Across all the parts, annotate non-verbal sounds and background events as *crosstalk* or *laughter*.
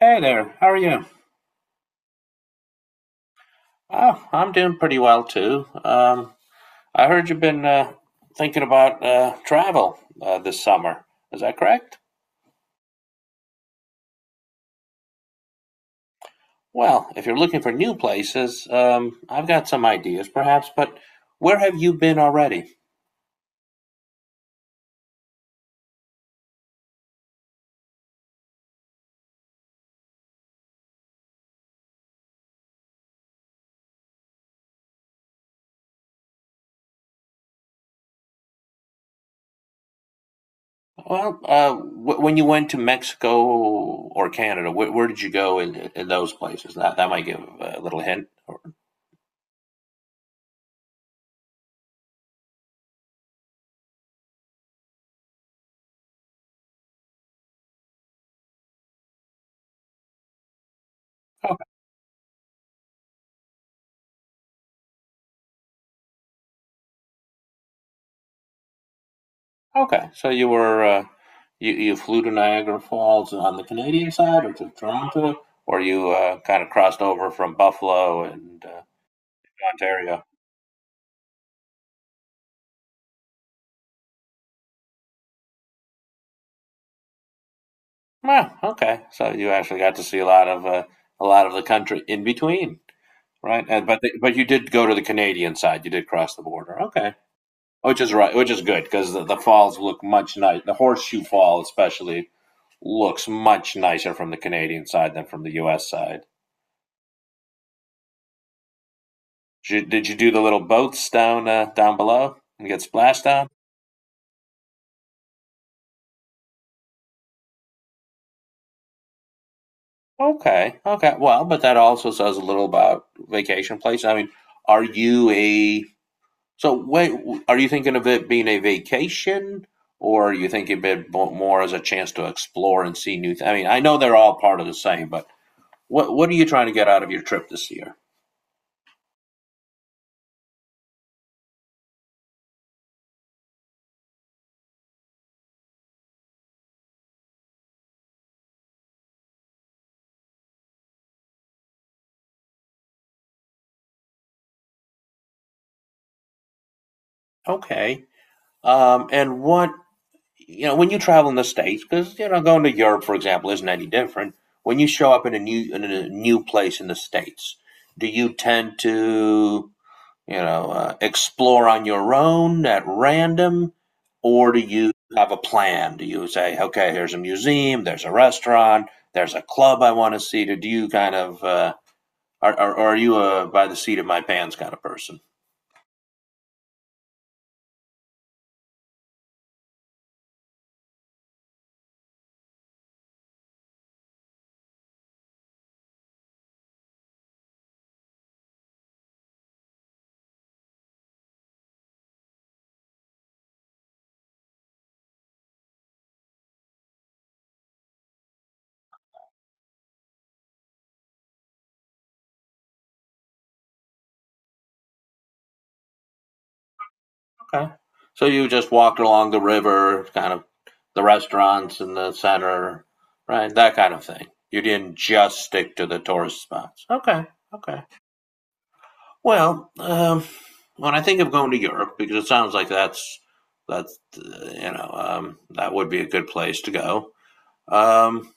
Hey there, how are you? Oh, I'm doing pretty well too. I heard you've been thinking about travel this summer. Is that correct? Well, if you're looking for new places, I've got some ideas perhaps, but where have you been already? Well, when you went to Mexico or Canada, where did you go in those places? That might give a little hint. Okay, so you were you flew to Niagara Falls on the Canadian side, or to Toronto, or you kind of crossed over from Buffalo and Ontario. Ah, okay, so you actually got to see a lot of the country in between, right? But you did go to the Canadian side. You did cross the border. Okay, which is good because the falls look much nice. The Horseshoe Fall especially looks much nicer from the Canadian side than from the U.S. side. Did you do the little boats down down below and get splashed on? Okay, okay. Well, but that also says a little about vacation place. I mean, are you a so wait? Are you thinking of it being a vacation, or are you thinking of it more as a chance to explore and see new? I mean, I know they're all part of the same, but what are you trying to get out of your trip this year? Okay. And what you know, when you travel in the states, because you know, going to Europe, for example, isn't any different. When you show up in a new place in the states, do you tend to you know explore on your own at random, or do you have a plan? Do you say, okay, here's a museum, there's a restaurant, there's a club I want to see? Or do you kind of are you a by the seat of my pants kind of person? Okay. So you just walked along the river, kind of the restaurants in the center, right? That kind of thing. You didn't just stick to the tourist spots. Okay. Okay. Well, when I think of going to Europe, because it sounds like that's you know that would be a good place to go. Um,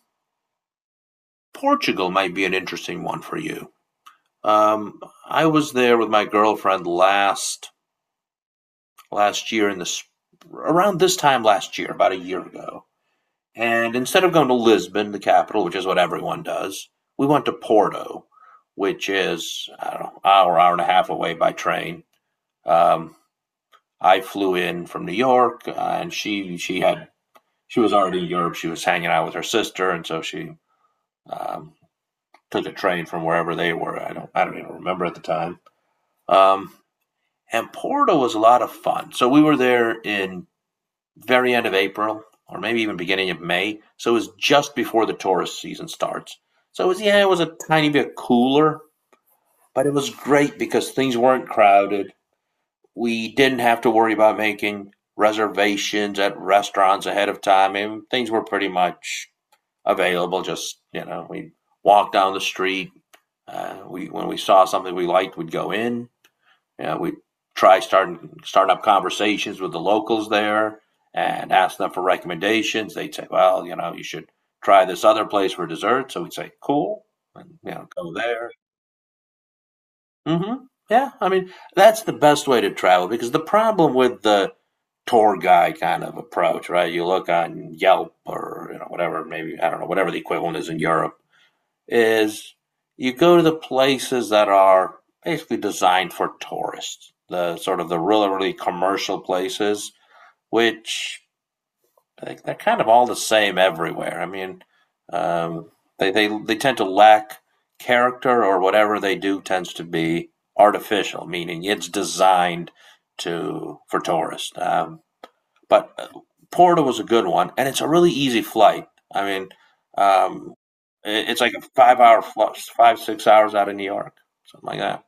Portugal might be an interesting one for you. Um, I was there with my girlfriend last year in the around this time last year, about a year ago. And instead of going to Lisbon, the capital, which is what everyone does, we went to Porto, which is, I don't know, an hour, hour and a half away by train. Um, I flew in from New York, and she was already in Europe. She was hanging out with her sister, and so she um, took a train from wherever they were. I don't even remember at the time. Um, and Porto was a lot of fun. So we were there in very end of April or maybe even beginning of May. So it was just before the tourist season starts. So it was, yeah, it was a tiny bit cooler, but it was great because things weren't crowded. We didn't have to worry about making reservations at restaurants ahead of time. And things were pretty much available. Just, you know, we walked down the street. When we saw something we liked, we'd go in. Yeah, we try starting up conversations with the locals there and ask them for recommendations. They'd say, "Well, you know, you should try this other place for dessert." So we'd say, "Cool," and you know, go there. hmm Yeah, I mean, that's the best way to travel because the problem with the tour guide kind of approach, right? You look on Yelp or you know whatever, maybe I don't know whatever the equivalent is in Europe is you go to the places that are basically designed for tourists, the sort of the really, really commercial places, which like, they're kind of all the same everywhere. I mean, um, they tend to lack character or whatever they do tends to be artificial, meaning it's designed to for tourists. But Porto was a good one, and it's a really easy flight. I mean, um, it's like a five-hour flight, 5 6 hours out of New York, something like that.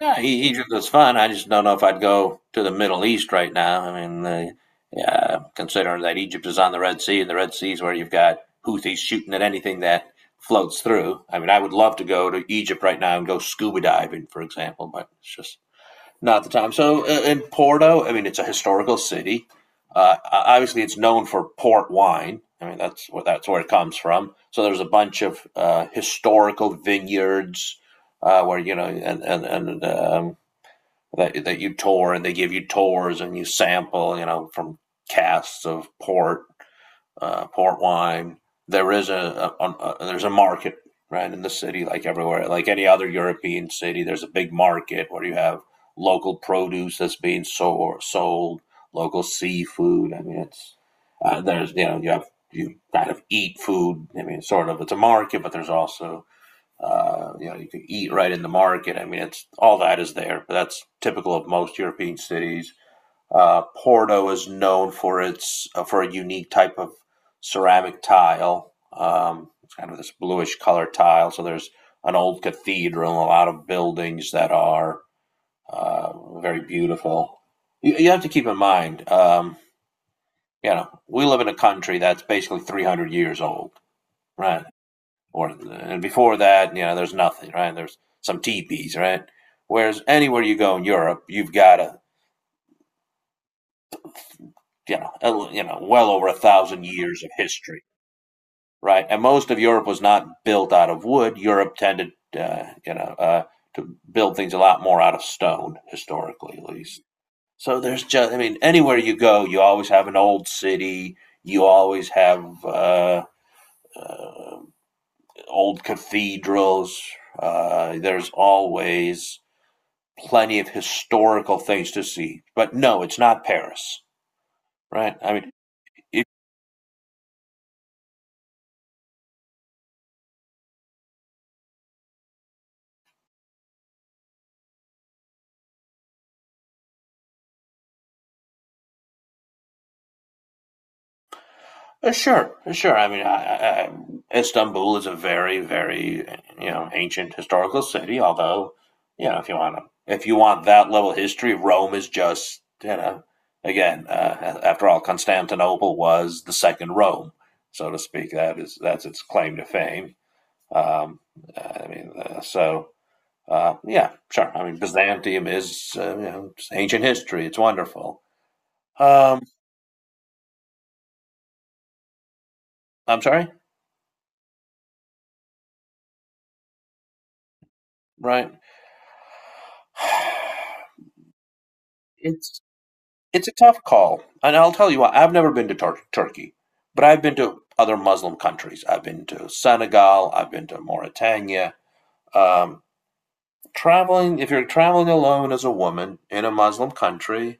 Egypt is fun. I just don't know if I'd go to the Middle East right now. I mean, yeah, considering that Egypt is on the Red Sea, and the Red Sea is where you've got Houthis shooting at anything that floats through. I mean, I would love to go to Egypt right now and go scuba diving, for example, but it's just not at the time. So in Porto, I mean, it's a historical city. Uh, Obviously, it's known for port wine. I mean, that's where it comes from. So there's a bunch of historical vineyards where you know, and that that you tour, and they give you tours, and you sample, you know, from casks of port port wine. There is a there's a market right in the city, like everywhere, like any other European city. There's a big market where you have local produce that's being sold local seafood. I mean, it's there's you know you have you kind of eat food. I mean, sort of it's a market, but there's also you know you can eat right in the market. I mean, it's all that is there. But that's typical of most European cities. Porto is known for its for a unique type of ceramic tile. It's kind of this bluish color tile. So there's an old cathedral, a lot of buildings that are very beautiful. You have to keep in mind, you know, we live in a country that's basically 300 years old, right? Or and before that, you know, there's nothing, right? There's some teepees, right? Whereas anywhere you go in Europe, you've got a you know, well over a thousand years of history, right? And most of Europe was not built out of wood. Europe tended, you know, to build things a lot more out of stone, historically at least. So there's just, I mean, anywhere you go, you always have an old city. You always have old cathedrals. There's always plenty of historical things to see. But no, it's not Paris, right? I mean, if sure, sure. I mean, Istanbul is a very, very you know ancient historical city. Although, you know, if you want that level of history, Rome is just you know again. After all, Constantinople was the second Rome, so to speak. That's its claim to fame. Um, I mean, uh, so yeah, sure. I mean, Byzantium is you know it's ancient history. It's wonderful. Um, I'm sorry, right? *sighs* It's It's a tough call, and I'll tell you what. I've never been to Turkey, but I've been to other Muslim countries. I've been to Senegal. I've been to Mauritania. Um, Traveling, if you're traveling alone as a woman in a Muslim country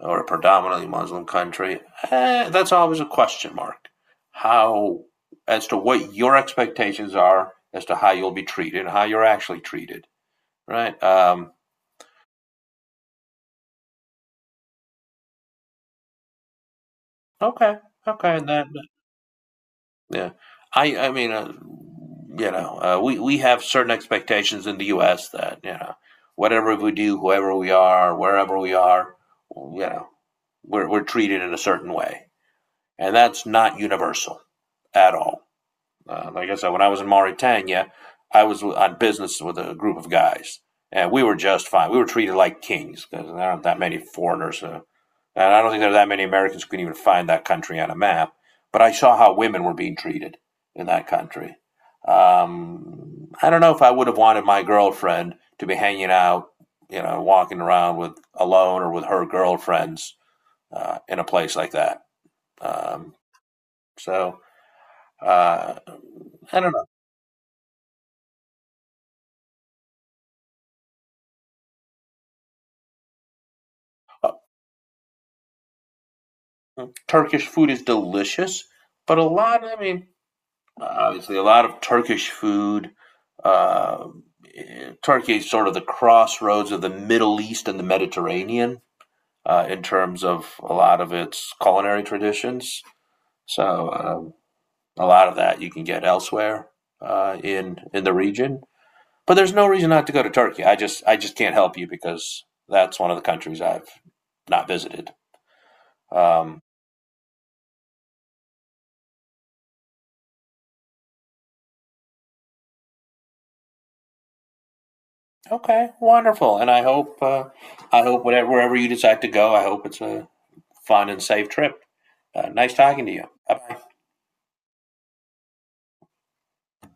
or a predominantly Muslim country, that's always a question mark. How, as to what your expectations are, as to how you'll be treated, how you're actually treated, right? Okay, okay, and that yeah, I mean, you know, we have certain expectations in the U.S. that you know, whatever we do, whoever we are, wherever we are, you know, we're treated in a certain way, and that's not universal at all. Like I said, when I was in Mauritania, I was on business with a group of guys, and we were just fine. We were treated like kings because there aren't that many foreigners. And I don't think there are that many Americans who can even find that country on a map. But I saw how women were being treated in that country. I don't know if I would have wanted my girlfriend to be hanging out, you know, walking around with alone or with her girlfriends in a place like that. Um, so uh, I don't know. Uh, Turkish food is delicious, but a lot. I mean, obviously a lot of Turkish food. Uh, Turkey is sort of the crossroads of the Middle East and the Mediterranean in terms of a lot of its culinary traditions. So a lot of that you can get elsewhere in the region. But there's no reason not to go to Turkey. I just can't help you because that's one of the countries I've not visited. Um, okay, wonderful. And I hope whatever wherever you decide to go, I hope it's a fun and safe trip. Nice talking to you. Bye bye.